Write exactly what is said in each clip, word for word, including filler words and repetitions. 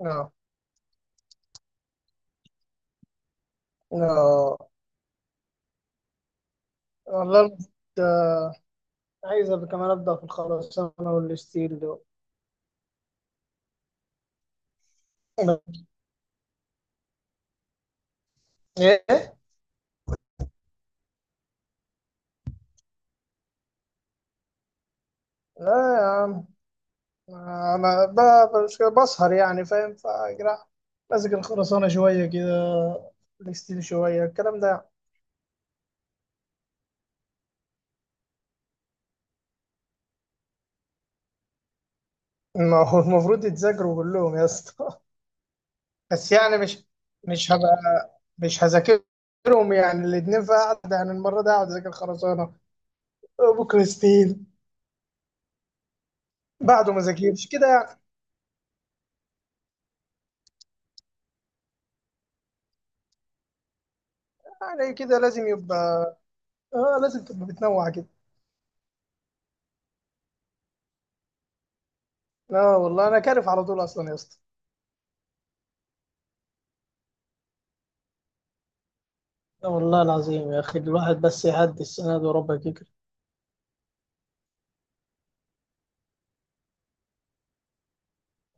اه اه، والله الم- آه، عايز ابقى كمان ابدا في الخرسانه والستيل دول. ايه لا يا عم، انا ب- بس كده بسهر يعني فاهم، فجرا ماسك الخرسانه شويه كده، الستيل شويه، الكلام ده. ما هو المفروض يتذاكروا كلهم يا اسطى بس يعني مش مش هبقى، مش هذاكرهم يعني الاتنين في قعدة. يعني المرة دي هقعد اذاكر خرسانة، بكرة ستيل. بعده ما ذاكرش كده يعني. يعني كده لازم يبقى. اه لازم تبقى بتنوع كده. لا والله انا كارف على طول اصلا يا اسطى. لا والله العظيم يا أخي، الواحد بس يعدي السنة دي وربك يكرم.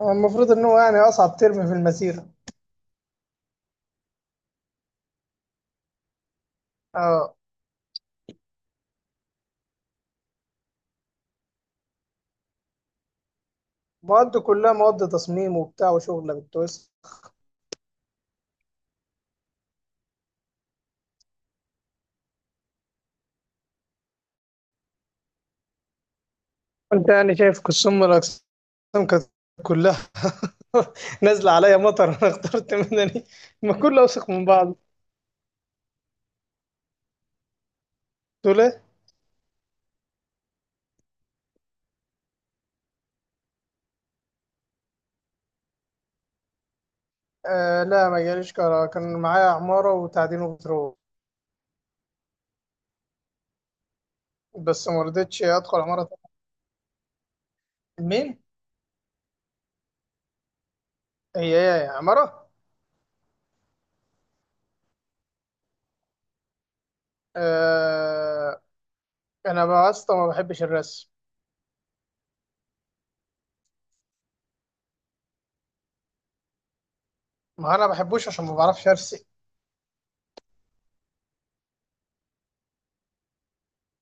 هو المفروض ان هو يعني اصعب ترم في المسيره. اه. مواد كلها مواد تصميم وبتاع وشغله بالتويست. انت يعني شايف قسم من الاقسام، كانت كلها نازله عليا مطر. انا اخترت مدني، ما كله اوسخ من بعض. تقول ايه؟ آه لا، ما جاليش كهرباء. كان معايا عماره وتعدين وبترول، بس ما رضيتش ادخل عماره. مين؟ هي؟ هي عمارة. آه. انا بقى يا اسطى ما بحبش الرسم. ما انا ما بحبوش عشان ما بعرفش ارسم.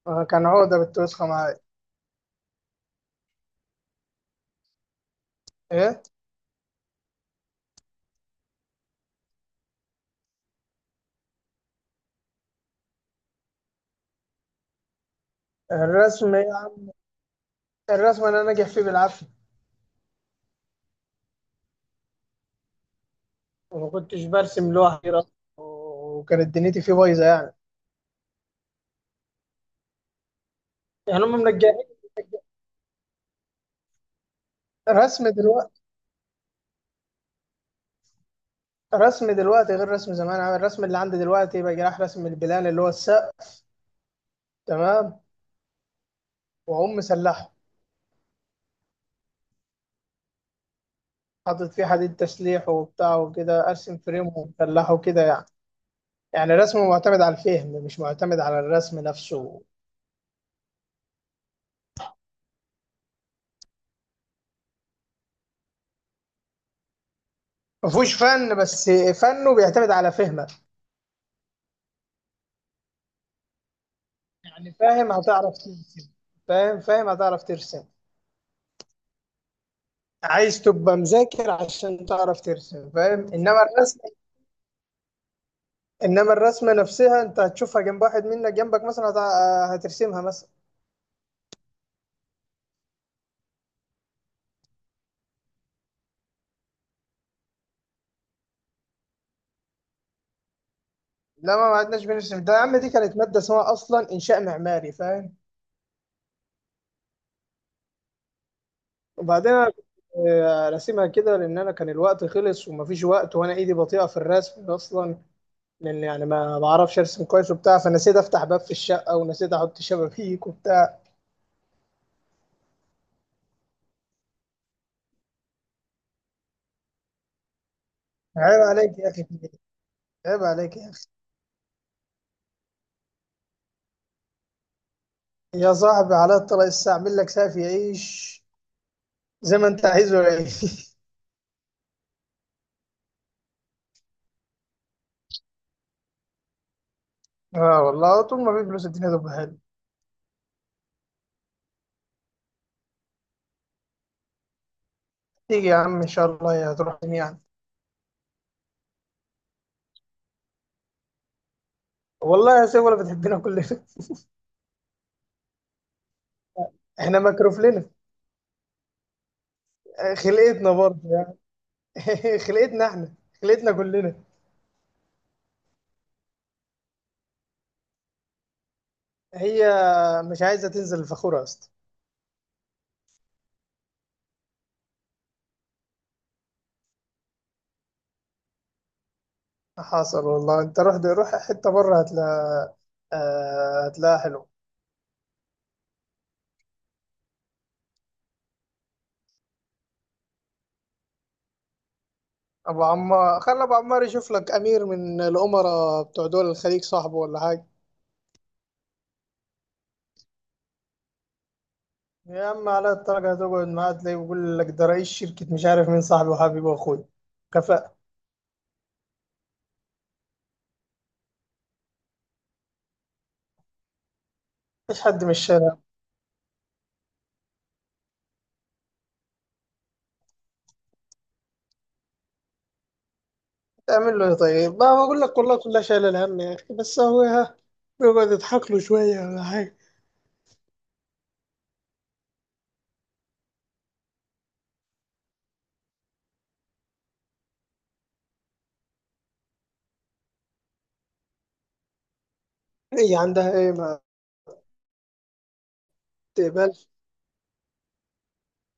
آه، كان هو ده بتوسخة معايا. ايه، الرسم يا عم. الرسم انا ناجح فيه بالعافية، وما كنتش برسم لوحدي أصلاً، وكانت دنيتي فيه بايظة يعني. يعني هم منجحين. رسم دلوقتي، رسم دلوقتي غير رسم زمان. عامل الرسم اللي عندي دلوقتي بقى راح رسم البلان اللي هو السقف، تمام، واقوم مسلحه، حاطط فيه حديد تسليح وبتاع وكده، ارسم فريم ومسلحه وكده يعني. يعني الرسم معتمد على الفهم، مش معتمد على الرسم نفسه. ما فيهوش فن، بس فنه بيعتمد على فهمك. يعني فاهم هتعرف ترسم. فاهم فاهم هتعرف ترسم. عايز تبقى مذاكر عشان تعرف ترسم، فاهم، انما الرسم، انما الرسمه نفسها انت هتشوفها جنب واحد منك، جنبك مثلا هت- هترسمها مثلا. لا، ما ما عدناش بنرسم ده يا عم، دي كانت ماده اسمها اصلا انشاء معماري، فاهم. وبعدين أنا كنت آه، راسمها كده لان انا كان الوقت خلص ومفيش وقت، وانا ايدي بطيئه في الرسم اصلا، لان يعني ما بعرفش ارسم كويس وبتاع، فنسيت افتح باب في الشقه ونسيت احط شبابيك وبتاع. عيب عليك يا اخي، عيب عليك يا اخي. يا صاحبي على الطلاق الساعه اعمل لك سافي عيش، زي ما انت عايزه يعيش. اه والله طول ما في فلوس الدنيا تبقى حلوه. تيجي يا عم ان شاء الله، يا هتروح يعني. والله يا سيف ولا بتحبنا كلنا احنا مكروف لنا. آه، خلقتنا برضه. خلقتنا احنا، خلقتنا كلنا. هي مش عايزه تنزل الفخوره يا اسطى. حصل والله، انت روح دي، روح حته بره هتلاقي. آه، هتلاقيها حلو. ابو عمار، خلي ابو عمار يشوف لك امير من الامراء بتوع دول الخليج، صاحبه ولا حاجه. يا عم على الدرجه هتقعد معاه تلاقيه بيقول لك ده رئيس شركه مش عارف مين، صاحبي وحبيبي واخوي. كفاءة. مفيش حد من الشارع. تعمل له إيه طيب؟ ما بقول لك والله كلها شايله الهم يا اخي، بس هو ها بيقعد يضحك له شويه ولا حاجه. هي عندها ايه ما؟ تقبل؟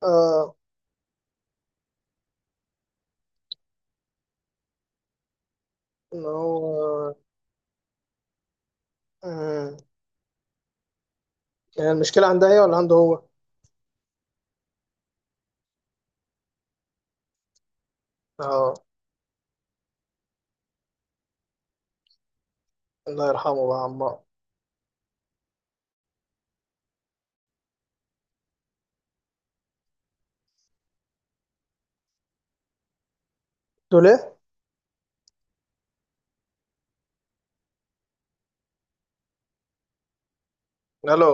اه، ان هو. آه. يعني المشكلة عندها هي ولا عنده هو؟ اه. الله يرحمه بقى عمار. تقول ايه؟ الو،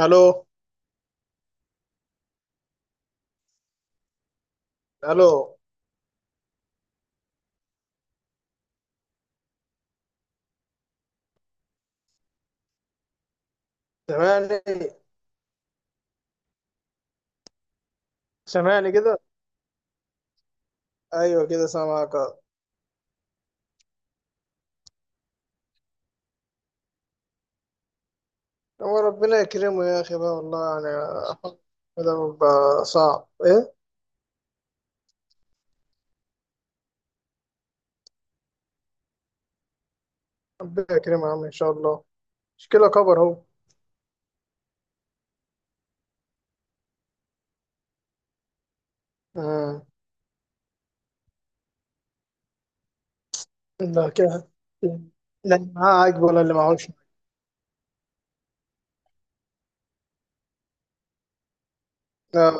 الو، الو. سامعني؟ سامعني كده؟ ايوه كده سامعك آه. هو ربنا يكرمه يا اخي بقى، والله يعني آه، ده بقى صعب ايه؟ ربنا يكرمه يا عم ان شاء الله. مشكلة كبر اهو. آه. لا كده. لا، اللي معاه عاجب ولا اللي معهوش. آه.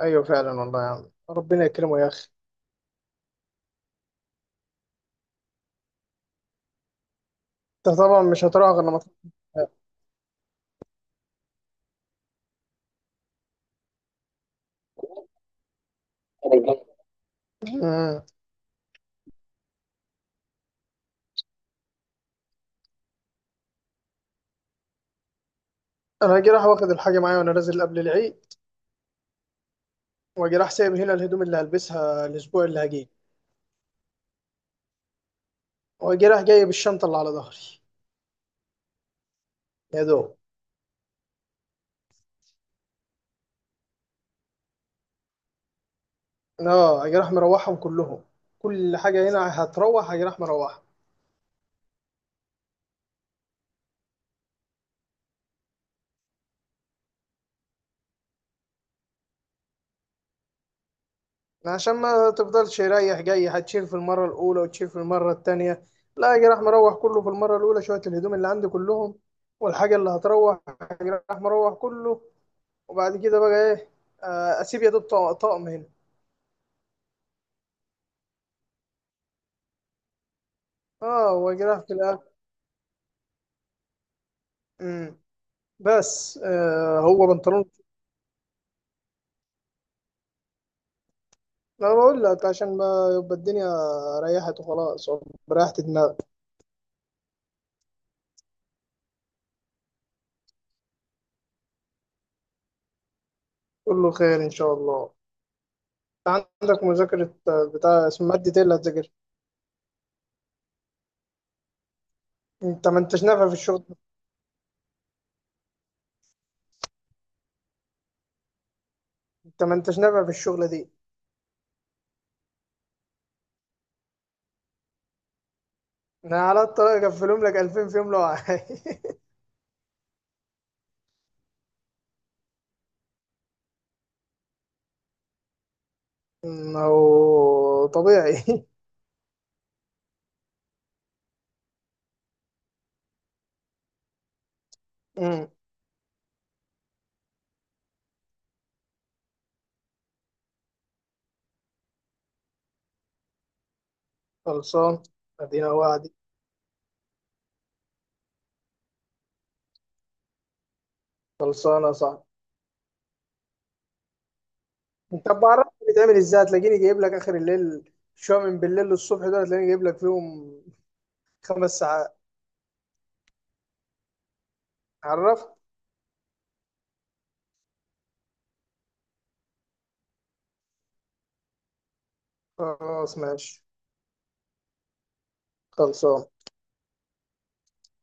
ايوه فعلا والله يا عم، ربنا يكرمه يا اخي. انت طبعا مش هتروح غير لما تروح. مم. انا هاجي راح واخد الحاجه معايا وانا نازل قبل العيد، واجي راح سايب هنا الهدوم اللي هلبسها الاسبوع اللي هجيه، واجي راح جايب الشنطه اللي على ظهري، يا دوب. اه اجي راح مروحهم كلهم، كل حاجه هنا هتروح اجي راح مروحها. عشان ما تفضلش رايح جاي هتشيل في المره الاولى وتشيل في المره التانيه. لا، اجي راح مروح كله في المره الاولى، شويه الهدوم اللي عندي كلهم والحاجه اللي هتروح اجي راح مروح كله. وبعد كده بقى ايه، آه، اسيب يا دوب طا- طقم هنا. اه، هو جناح في الأهلي. امم بس آه هو بنطلون. انا بقول لك عشان ما، يبقى الدنيا ريحت وخلاص، بريحت دماغك. كله خير ان شاء الله. عندك مذاكرة آه، بتاع، اسم مادة ايه اللي هتذاكر؟ انت ما انتش نافع في الشغل. انت ما انتش نافع في الشغلة دي. انا على الطلاق اقفلهم لك ألفين في يوم لو عايز. هو طبيعي. أمم، خلصان. ادينا وعدي. خلصانة صح. طب بعرفك بتعمل ازاي، هتلاقيني جايب لك اخر الليل شويه، من بالليل للصبح دول هتلاقيني جايب لك فيهم خمس ساعات. عرفت. خلاص ماشي، خلصان.